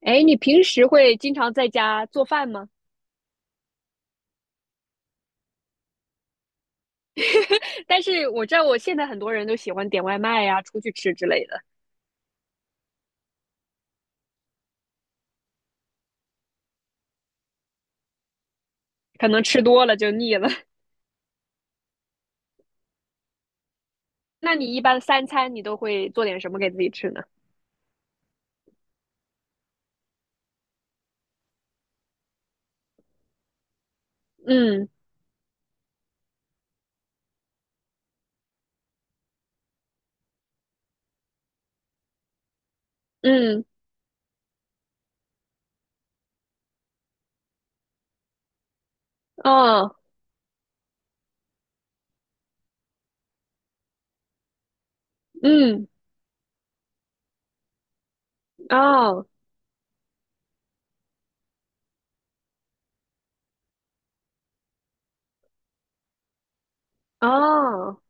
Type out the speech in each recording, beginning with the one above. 哎，你平时会经常在家做饭吗？但是我知道我现在很多人都喜欢点外卖呀、出去吃之类的，可能吃多了就腻了。那你一般三餐你都会做点什么给自己吃呢？嗯。嗯。哦。嗯。哦。哦。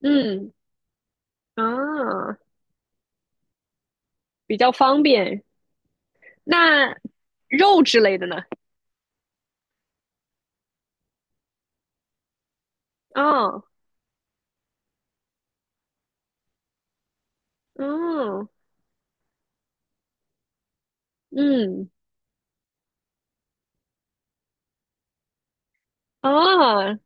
嗯。啊，比较方便。那肉之类的呢？哦。嗯。嗯。哦。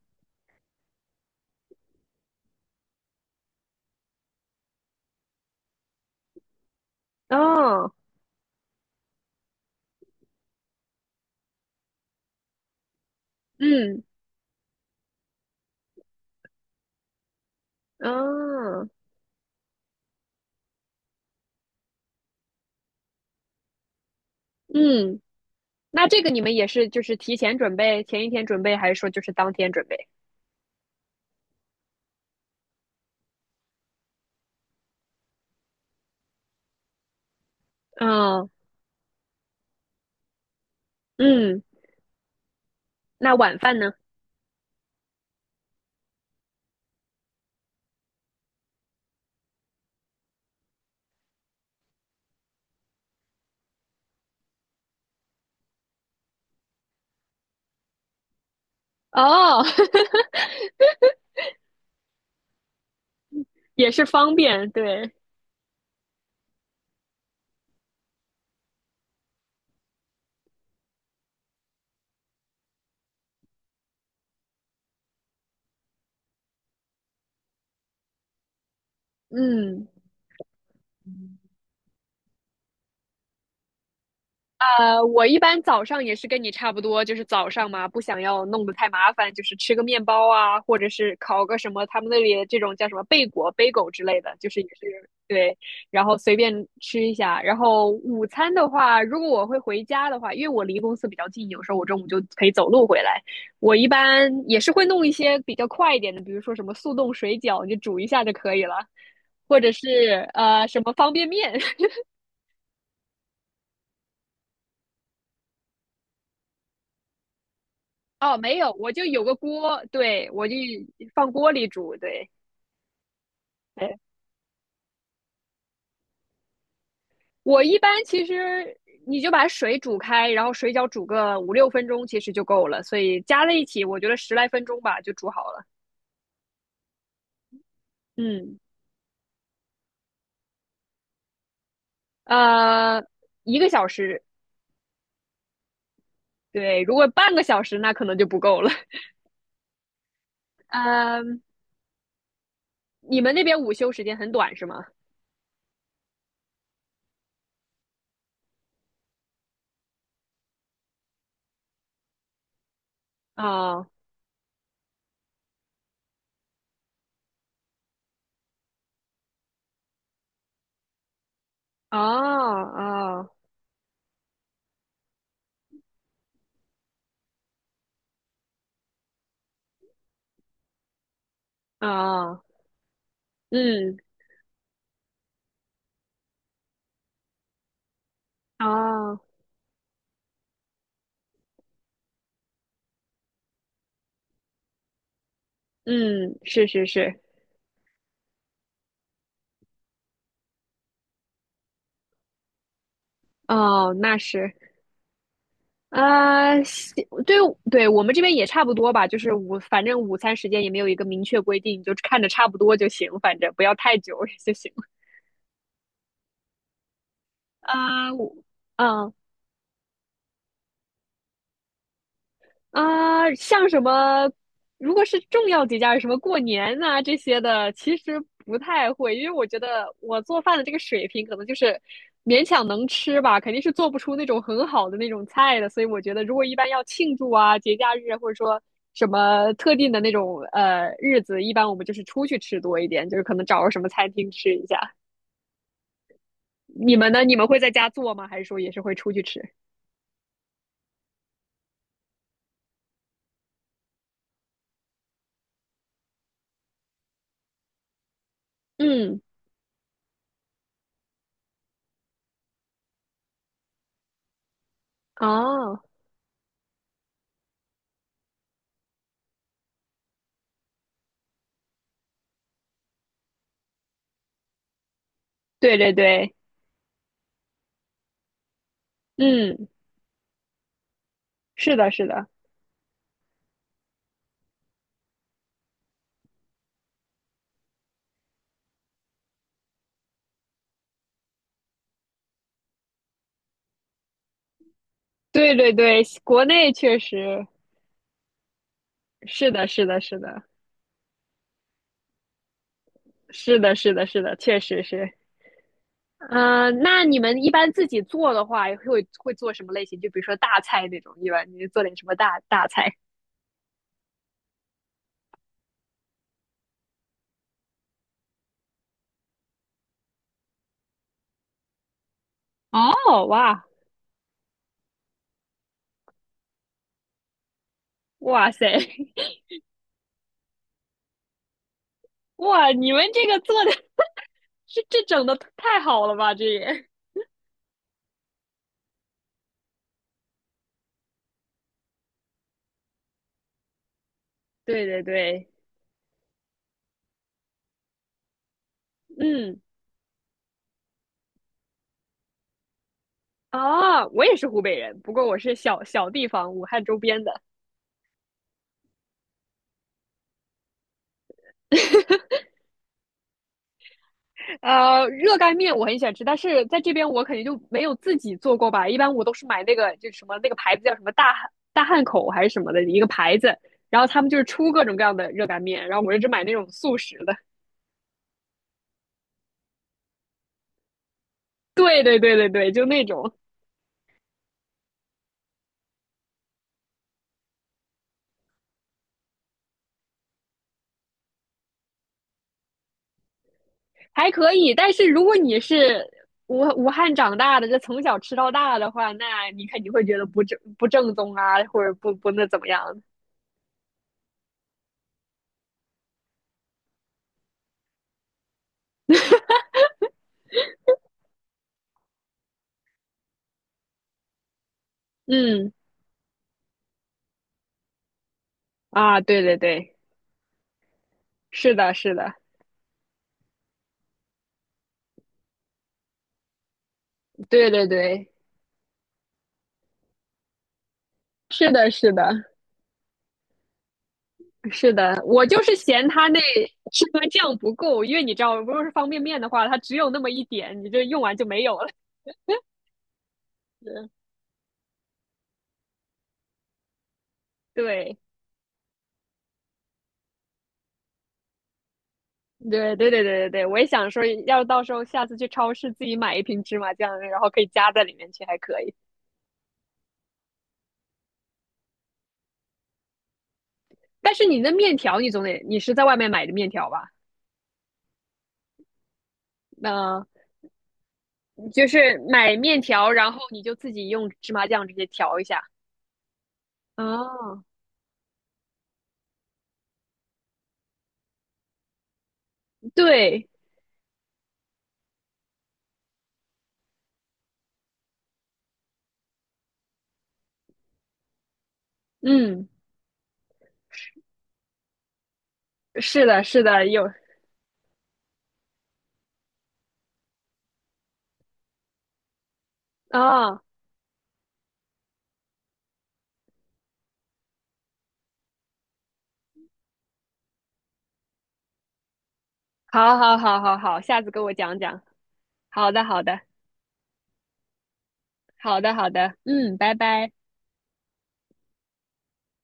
哦。嗯。哦。嗯。那这个你们也是就是提前准备，前一天准备，还是说就是当天准备？嗯。嗯。那晚饭呢？哦，也是方便，对，嗯。我一般早上也是跟你差不多，就是早上嘛，不想要弄得太麻烦，就是吃个面包啊，或者是烤个什么，他们那里这种叫什么贝果、贝狗之类的，就是也是对，然后随便吃一下。然后午餐的话，如果我会回家的话，因为我离公司比较近，有时候我中午就可以走路回来。我一般也是会弄一些比较快一点的，比如说什么速冻水饺，你就煮一下就可以了，或者是什么方便面。哦，没有，我就有个锅，对，我就放锅里煮，对。哎，我一般其实你就把水煮开，然后水饺煮个五六分钟，其实就够了，所以加在一起，我觉得十来分钟吧就煮好了。嗯。呃，一个小时。对，如果半个小时那可能就不够了。嗯，你们那边午休时间很短是吗？啊。哦。哦。哦。嗯。哦，嗯，是是是。哦，那是。啊，西对，对，我们这边也差不多吧，就是午，反正午餐时间也没有一个明确规定，就看着差不多就行，反正不要太久 就行了。啊，我。嗯。啊，像什么，如果是重要节假日，什么过年呐、这些的，其实不太会，因为我觉得我做饭的这个水平可能就是勉强能吃吧，肯定是做不出那种很好的那种菜的，所以我觉得如果一般要庆祝啊、节假日啊或者说什么特定的那种日子，一般我们就是出去吃多一点，就是可能找个什么餐厅吃一下。你们呢？你们会在家做吗？还是说也是会出去吃？嗯。哦，对对对。嗯，是的，是的。对对对，国内确实是的，是的，是的，是的，是的，是的，确实是。嗯、那你们一般自己做的话，会做什么类型？就比如说大菜那种，一般你做点什么大菜？哦，哇。哇塞，哇！你们这个做的这整的太好了吧？这也对对对。嗯。哦，我也是湖北人，不过我是小小地方，武汉周边的。热干面我很喜欢吃，但是在这边我肯定就没有自己做过吧。一般我都是买那个就什么那个牌子叫什么大汉口还是什么的一个牌子，然后他们就是出各种各样的热干面，然后我就只买那种速食的。对对对对对，就那种还可以。但是如果你是武汉长大的，这从小吃到大的话，那你肯定会觉得不正宗啊，或者不那怎么样？嗯。啊，对对对，是的，是的。对对对，是的，是的。是的，我就是嫌它那芝麻酱不够，因为你知道，如果是方便面的话，它只有那么一点，你就用完就没有了。是。对，对，对，对，对，对，对，我也想说，要是到时候下次去超市自己买一瓶芝麻酱，然后可以加在里面去，还可以。但是你那面条，你总得，你是在外面买的面条吧？那、就是买面条，然后你就自己用芝麻酱直接调一下。哦，对，嗯，是的，是的，有啊。好好好好好，下次给我讲讲。好的，好的，好的，好的，嗯，拜拜。